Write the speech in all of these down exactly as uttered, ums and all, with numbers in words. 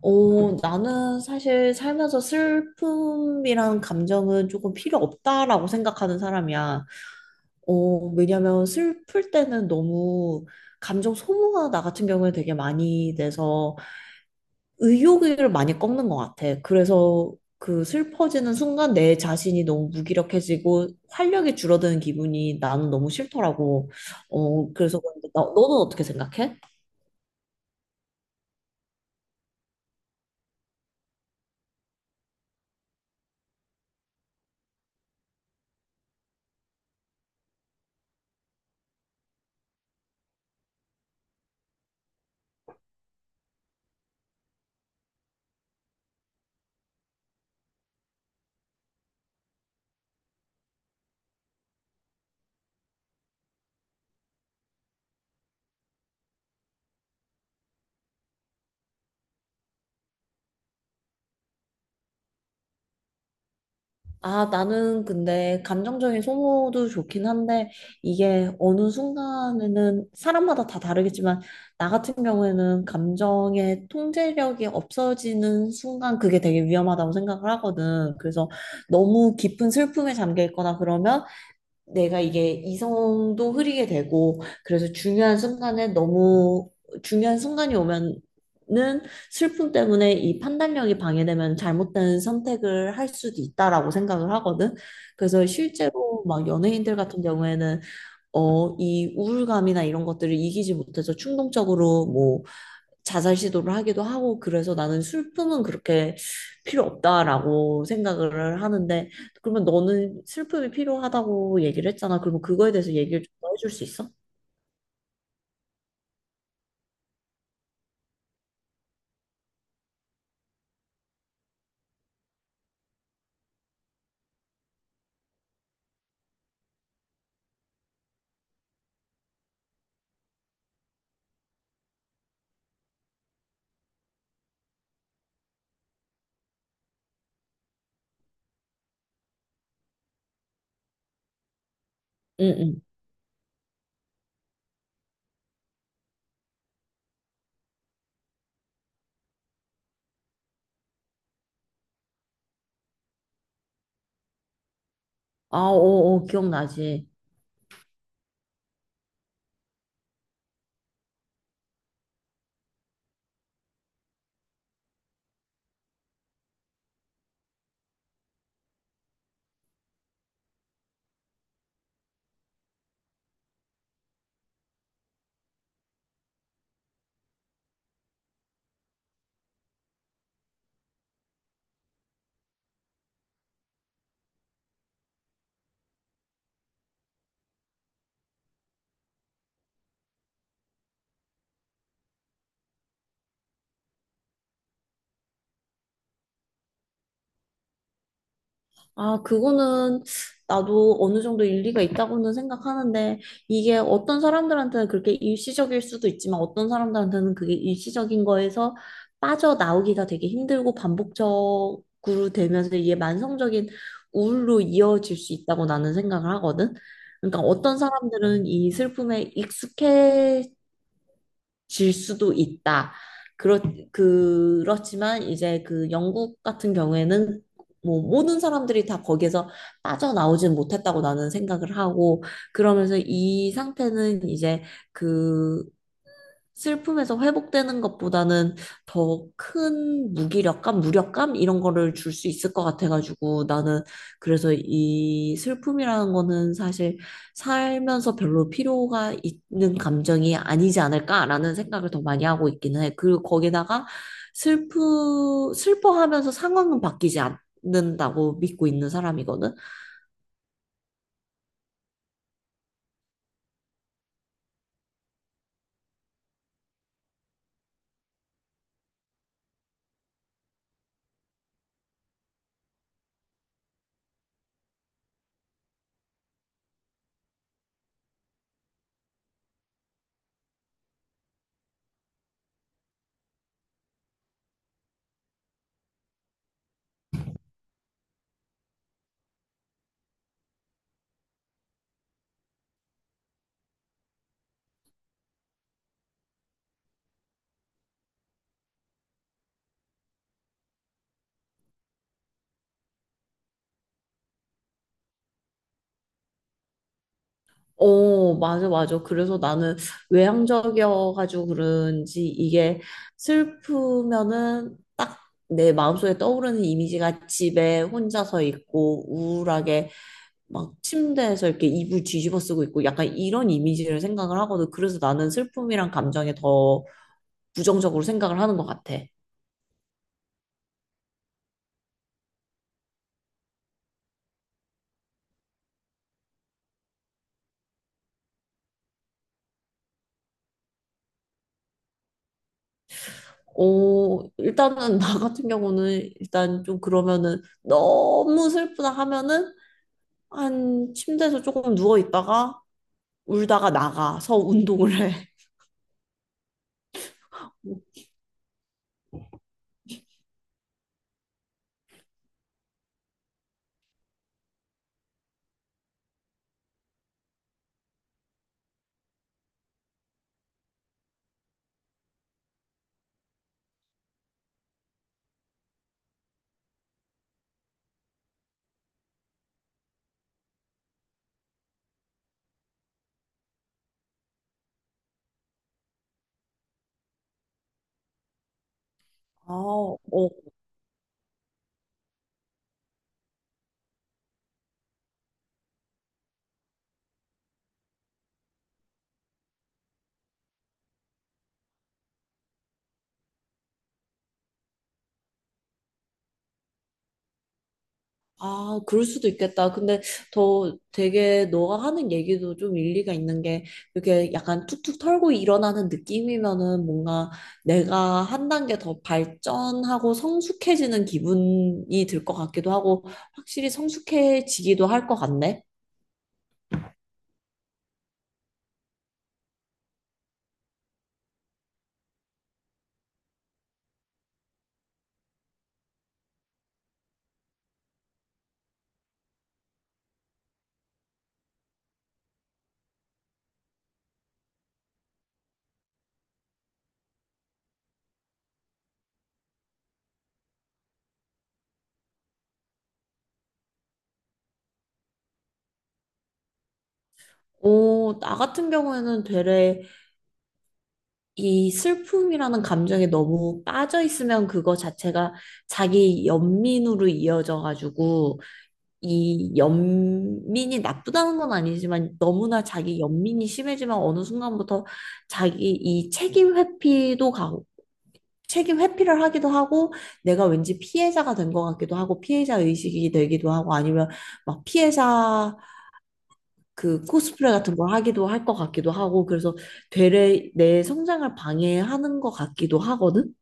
어, 나는 사실 살면서 슬픔이란 감정은 조금 필요 없다라고 생각하는 사람이야. 어, 왜냐면 슬플 때는 너무 감정 소모가 나 같은 경우에 되게 많이 돼서 의욕을 많이 꺾는 것 같아. 그래서 그 슬퍼지는 순간 내 자신이 너무 무기력해지고 활력이 줄어드는 기분이 나는 너무 싫더라고. 어, 그래서 그런데 너, 너는 어떻게 생각해? 아, 나는 근데 감정적인 소모도 좋긴 한데 이게 어느 순간에는 사람마다 다 다르겠지만 나 같은 경우에는 감정의 통제력이 없어지는 순간 그게 되게 위험하다고 생각을 하거든. 그래서 너무 깊은 슬픔에 잠겨 있거나 그러면 내가 이게 이성도 흐리게 되고 그래서 중요한 순간에 너무 중요한 순간이 오면은 슬픔 때문에 이 판단력이 방해되면 잘못된 선택을 할 수도 있다라고 생각을 하거든. 그래서 실제로 막 연예인들 같은 경우에는 어, 이 우울감이나 이런 것들을 이기지 못해서 충동적으로 뭐 자살 시도를 하기도 하고. 그래서 나는 슬픔은 그렇게 필요 없다라고 생각을 하는데 그러면 너는 슬픔이 필요하다고 얘기를 했잖아. 그러면 그거에 대해서 얘기를 좀더 해줄 수 있어? 응, 응. 아, 어, 어, 기억나지. 아, 그거는 나도 어느 정도 일리가 있다고는 생각하는데, 이게 어떤 사람들한테는 그렇게 일시적일 수도 있지만, 어떤 사람들한테는 그게 일시적인 거에서 빠져나오기가 되게 힘들고 반복적으로 되면서 이게 만성적인 우울로 이어질 수 있다고 나는 생각을 하거든. 그러니까 어떤 사람들은 이 슬픔에 익숙해 질 수도 있다. 그렇, 그렇지만 이제 그 영국 같은 경우에는 뭐 모든 사람들이 다 거기에서 빠져나오진 못했다고 나는 생각을 하고, 그러면서 이 상태는 이제 그 슬픔에서 회복되는 것보다는 더 큰 무기력감, 무력감 이런 거를 줄 수 있을 것 같아가지고, 나는 그래서 이 슬픔이라는 거는 사실 살면서 별로 필요가 있는 감정이 아니지 않을까라는 생각을 더 많이 하고 있기는 해. 그리고 거기다가 슬프, 슬퍼하면서 상황은 바뀌지 않는다고 믿고 있는 사람이거든. 어, 맞아, 맞아. 그래서 나는 외향적이어가지고 그런지 이게 슬프면은 딱 내 마음속에 떠오르는 이미지가 집에 혼자서 있고 우울하게 막 침대에서 이렇게 이불 뒤집어 쓰고 있고 약간 이런 이미지를 생각을 하거든. 그래서 나는 슬픔이란 감정에 더 부정적으로 생각을 하는 것 같아. 어, 일단은 나 같은 경우는 일단 좀 그러면은 너무 슬프다 하면은 한 침대에서 조금 누워 있다가 울다가 나가서 운동을 해. 아, 어, 아, 그럴 수도 있겠다. 근데 더 되게 너가 하는 얘기도 좀 일리가 있는 게 이렇게 약간 툭툭 털고 일어나는 느낌이면은 뭔가 내가 한 단계 더 발전하고 성숙해지는 기분이 들 것 같기도 하고 확실히 성숙해지기도 할 것 같네. 오, 나 같은 경우에는 되레 이 슬픔이라는 감정에 너무 빠져 있으면 그거 자체가 자기 연민으로 이어져 가지고, 이 연민이 나쁘다는 건 아니지만 너무나 자기 연민이 심해지면 어느 순간부터 자기 이 책임 회피도 가고 책임 회피를 하기도 하고, 내가 왠지 피해자가 된 것 같기도 하고 피해자 의식이 되기도 하고, 아니면 막 피해자 그 코스프레 같은 걸 하기도 할 것 같기도 하고. 그래서 되레 내 성장을 방해하는 것 같기도 하거든.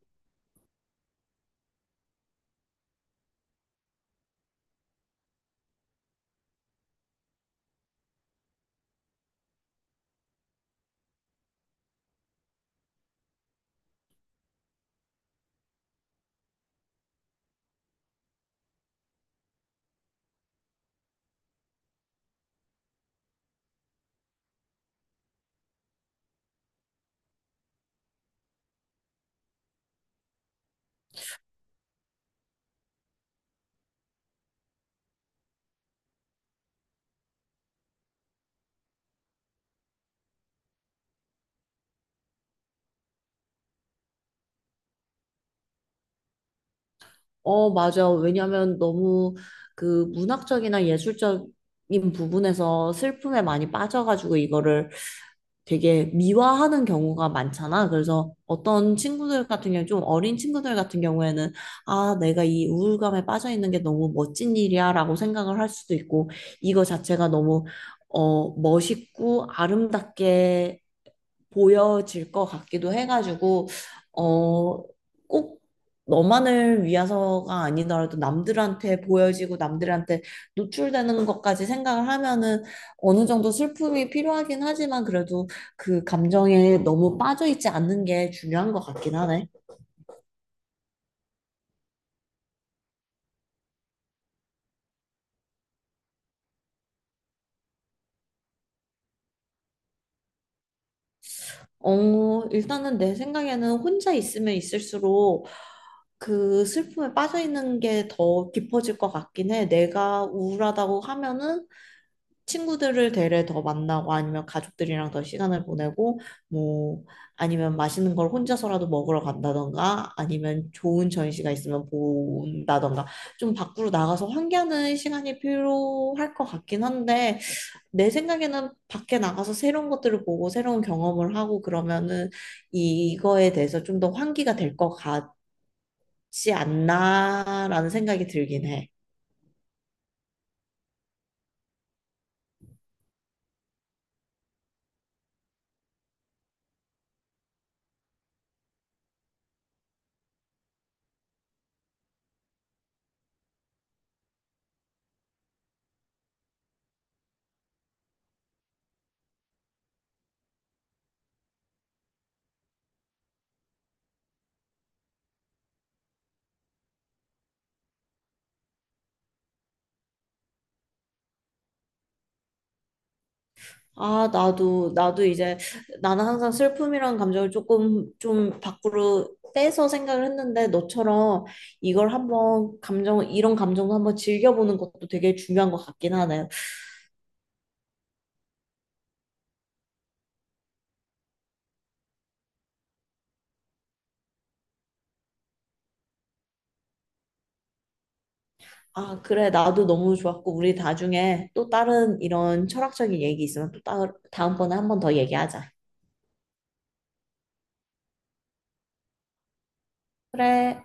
어, 맞아. 왜냐면 너무 그 문학적이나 예술적인 부분에서 슬픔에 많이 빠져가지고 이거를 되게 미화하는 경우가 많잖아. 그래서 어떤 친구들 같은 경우, 좀 어린 친구들 같은 경우에는 아, 내가 이 우울감에 빠져 있는 게 너무 멋진 일이야 라고 생각을 할 수도 있고, 이거 자체가 너무 어, 멋있고 아름답게 보여질 것 같기도 해가지고, 어, 꼭 너만을 위해서가 아니더라도 남들한테 보여지고 남들한테 노출되는 것까지 생각을 하면은 어느 정도 슬픔이 필요하긴 하지만 그래도 그 감정에 너무 빠져있지 않는 게 중요한 것 같긴 하네. 어, 일단은 내 생각에는 혼자 있으면 있을수록 그 슬픔에 빠져있는 게 더 깊어질 것 같긴 해. 내가 우울하다고 하면은 친구들을 대래 더 만나고 아니면 가족들이랑 더 시간을 보내고, 뭐 아니면 맛있는 걸 혼자서라도 먹으러 간다던가 아니면 좋은 전시가 있으면 본다던가 좀 밖으로 나가서 환기하는 시간이 필요할 것 같긴 한데, 내 생각에는 밖에 나가서 새로운 것들을 보고 새로운 경험을 하고 그러면은 이거에 대해서 좀 더 환기가 될 것 같지 않나라는 생각이 들긴 해. 아, 나도, 나도 이제, 나는 항상 슬픔이란 감정을 조금, 좀 밖으로 떼서 생각을 했는데, 너처럼 이걸 한번, 감정, 이런 감정도 한번 즐겨보는 것도 되게 중요한 것 같긴 하네. 아, 그래, 나도 너무 좋았고, 우리 나중에 또 다른 이런 철학적인 얘기 있으면 또 따, 다음번에 한번 더 얘기하자. 그래.